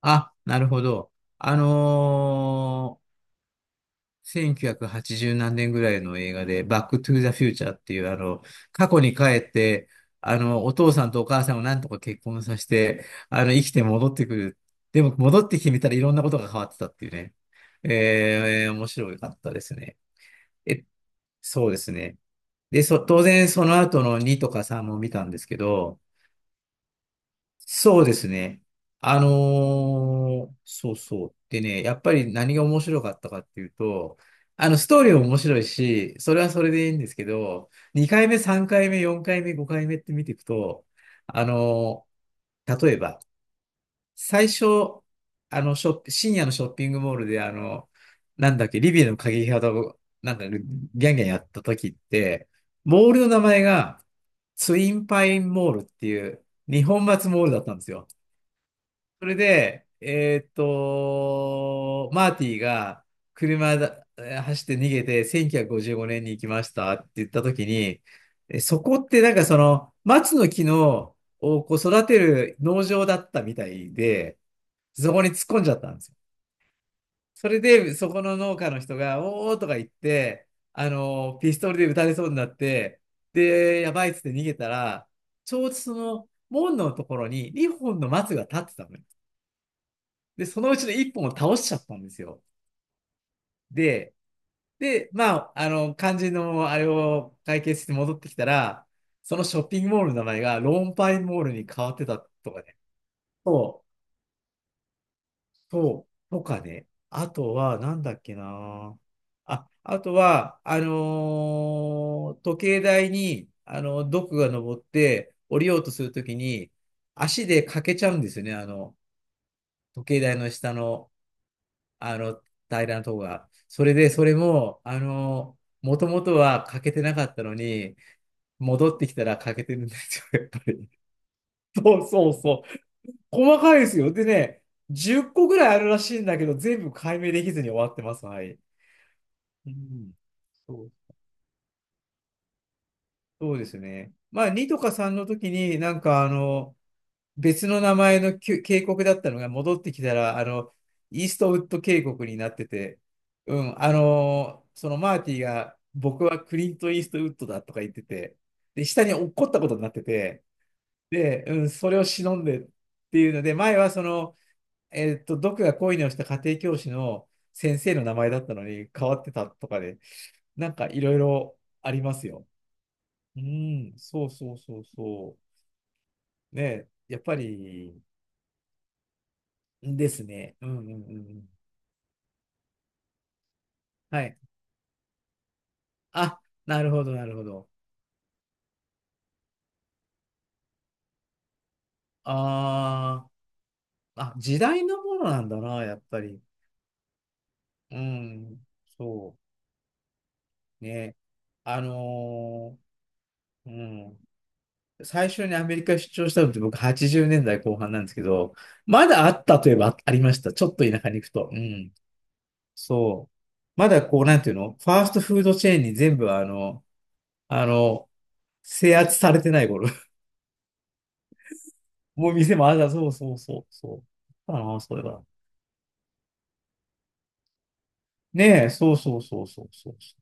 あ、なるほど。あのー1980何年ぐらいの映画で、バックトゥーザフューチャーっていう、過去に帰って、お父さんとお母さんをなんとか結婚させて、生きて戻ってくる。でも、戻ってきてみたらいろんなことが変わってたっていうね。面白かったですね。え、そうですね。で、当然その後の2とか3も見たんですけど、そうですね。あのそうそう。でね、やっぱり何が面白かったかっていうと、ストーリーも面白いし、それはそれでいいんですけど、2回目、3回目、4回目、5回目って見ていくと、あのー例えば、最初、あの、ショッ、深夜のショッピングモールで、なんだっけ、リビアの鍵型を、なんか、ギャンギャンやった時って、モールの名前が、ツインパインモールっていう、二本松モールだったんですよ。それで、マーティが車だ、えー走って逃げて1955年に行きましたって言った時に、そこってなんかその松の木のをこう育てる農場だったみたいで、そこに突っ込んじゃったんですよ。それでそこの農家の人が、おーとか言って、ピストルで撃たれそうになって、で、やばいっつって逃げたら、ちょうどその門のところに2本の松が立ってたのよ。で、そのうちの一本を倒しちゃったんですよ。で、で、まあ、肝心のあれを解決して戻ってきたら、そのショッピングモールの名前がローンパインモールに変わってたとかね。そう、そう、とかね。あとは、なんだっけな。あ、あとは、時計台に、毒が登って降りようとするときに、足でかけちゃうんですよね。時計台の下のあの、平らなとが。それで、それも、もともとは欠けてなかったのに、戻ってきたら欠けてるんですよ、やっぱり。そうそうそう。細かいですよ。でね、10個ぐらいあるらしいんだけど、全部解明できずに終わってます。はい。うん。そう、そうですね。まあ、2とか3の時に、なんか別の名前の渓谷だったのが戻ってきたら、イーストウッド渓谷になってて、うん、そのマーティが、僕はクリント・イーストウッドだとか言ってて、で、下に落っこったことになってて、で、うん、それを忍んでっていうので、前はその、毒が恋に落ちた家庭教師の先生の名前だったのに変わってたとかで、なんかいろいろありますよ。うん、そうそうそうそう。ね、やっぱり、ですね。うんうんうんうん。はい。あ、なるほど、なるほど。あーあ、時代のものなんだな、やっぱり。うん、そうね。あのうん。最初にアメリカ出張したのって僕80年代後半なんですけど、まだあったといえばありました。ちょっと田舎に行くと。うん。そう。まだこう、なんていうのファーストフードチェーンに全部あの、制圧されてない頃。もう店もそうそうそう、そう。ああ、そういえば。ねえ、そうそうそうそうそうそ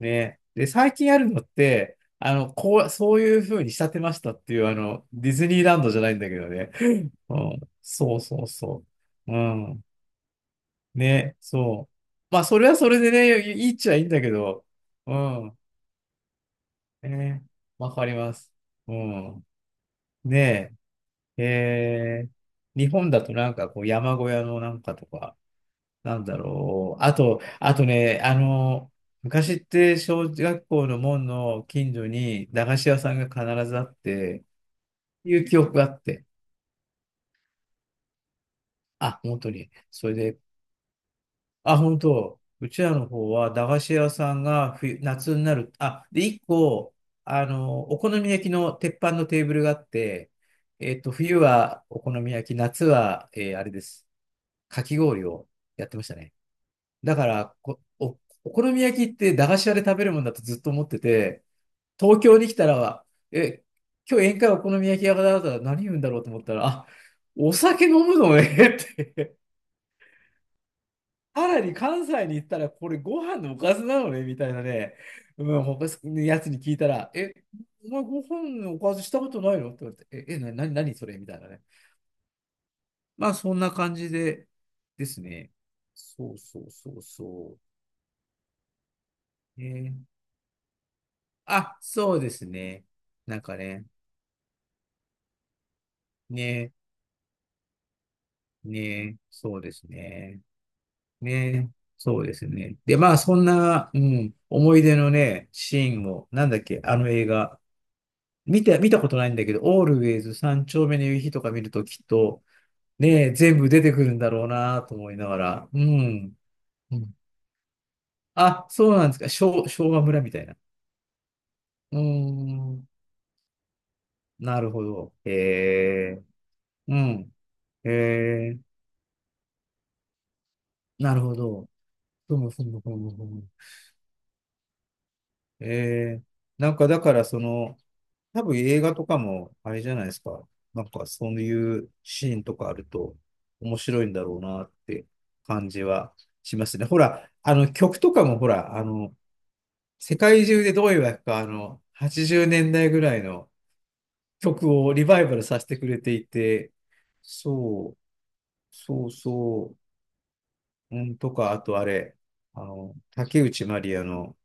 うねえ。で、最近あるのって、こう、そういう風に仕立てましたっていう、ディズニーランドじゃないんだけどね。うん、そうそうそう。うん。ね、そう。まあ、それはそれでね、いいっちゃいいんだけど。うん。ね、わかります。うん。ねえ、日本だとなんかこう山小屋のなんかとか、なんだろう。あとね、昔って小学校の門の近所に駄菓子屋さんが必ずあって、いう記憶があって。あ、本当に。それで、あ、本当、うちらの方は駄菓子屋さんが冬、夏になる。あ、で、一個、お好み焼きの鉄板のテーブルがあって、冬はお好み焼き、夏は、あれです。かき氷をやってましたね。だからお好み焼きって駄菓子屋で食べるもんだとずっと思ってて、東京に来たら、え、今日宴会お好み焼き屋だったら何言うんだろうと思ったら、あ、お酒飲むのねって。さらに関西に行ったらこれご飯のおかずなのねみたいなね、うん、他のやつに聞いたら、お前ご飯のおかずしたことないのって言われて、え、え、な、な、何それみたいなね。まあそんな感じでですね。そうそうそうそう。あ、そうですね。なんかね、ね、ね、そうですね。ね、そうですね。で、まあ、そんな、うん、思い出のね、シーンを、なんだっけ、あの映画、見たことないんだけど、オールウェイズ三丁目の夕日とか見るときっと、ね、全部出てくるんだろうなと思いながら、うん。うんあ、そうなんですか。昭和村みたいな。うーん、なるほど。へえ、うん、へえ、なるほど。そうもそうもそうもそうも。えー、なんかだからその、多分映画とかもあれじゃないですか。なんかそういうシーンとかあると面白いんだろうなって感じはしますね。ほら、あの曲とかもほら、世界中でどういうわけか、80年代ぐらいの曲をリバイバルさせてくれていて、そう、そうそう、うん、とか、あとあれ、竹内まりやの、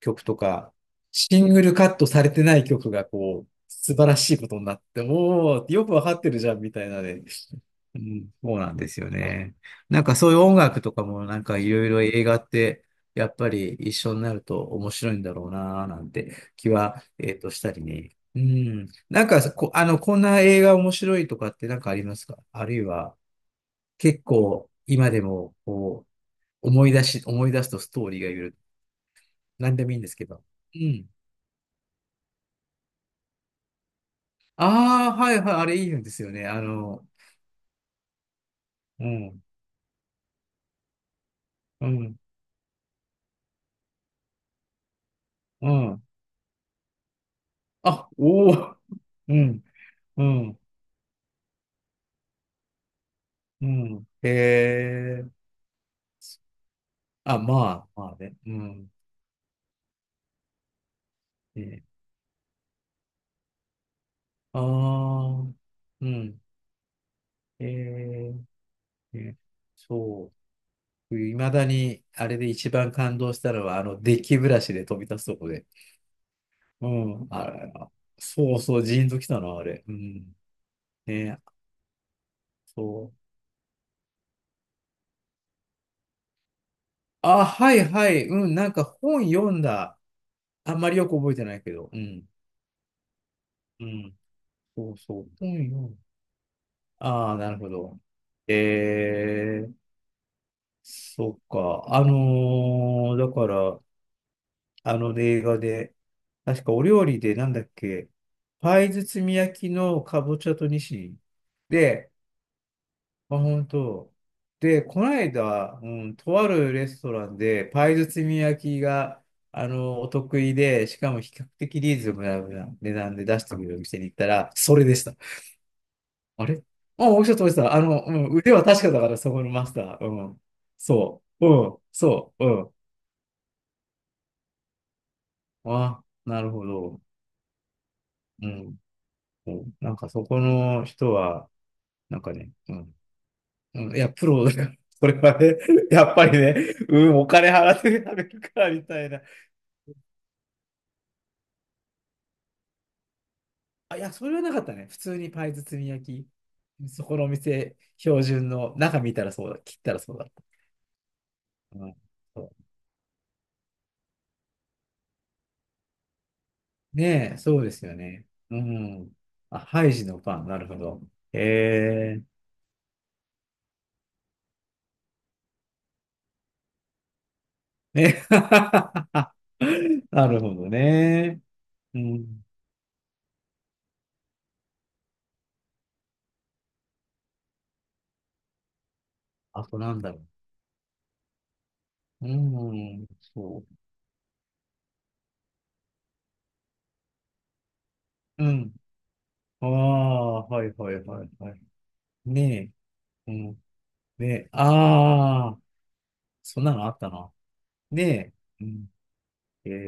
曲とか、シングルカットされてない曲がこう、素晴らしいことになって、おー、よくわかってるじゃん、みたいなね。うん、そうなんですよね。なんかそういう音楽とかもなんかいろいろ映画ってやっぱり一緒になると面白いんだろうなーなんて気は、したりね。うん。なんかこ、あの、こんな映画面白いとかってなんかありますか？あるいは結構今でもこう思い出すとストーリーがいる。なんでもいいんですけど。うん。ああ、はいはい、あれいいんですよね。うん、うん、うん。あ、おお、うん、うん、うん。へえ。あ、まあ、まあね。うん。ね、ああ、うん。へえ、ね、そう。いまだに、あれで一番感動したのは、デッキブラシで飛び立つとこで。うん。あれ、そうそう、ジーンときたな、あれ。うん。ね、そう。あ、はいはい。うん、なんか本読んだ。あんまりよく覚えてないけど、うん。うん。そうそう。本読むああ、なるほど。えー、そっか。だから、あの映画で、確かお料理でなんだっけ、パイ包み焼きのかぼちゃとニシン。で、まあ、本当。で、この間、うん、とあるレストランで、パイ包み焼きが、お得意で、しかも比較的リーズナブルな値段で出してくれるお店に行ったら、それでした。あれあ、もうちょっと落ちた。うん、腕は確かだから、そこのマスター。うん。そう。うん。そう。うん。あ、なるほど。うん。うんなんかそこの人は、なんかね、うん。うん、いや、プロだから、これはね、やっぱりね、うん、お金払って食べるからみたいな。あ、いや、それはなかったね。普通にパイ包み焼き。そこのお店、標準の、中見たらそうだ、切ったらそうだった。うんねえ、そうですよね。うん。あ、ハイジのパン、なるほど。ええね。なるほどね。うん。あとなんだろう。うん、そう。うん。ああ、はいはいはいはい。ねえ。うん。ねえ。ああ、そんなのあったな。ねえ。うん。ええ。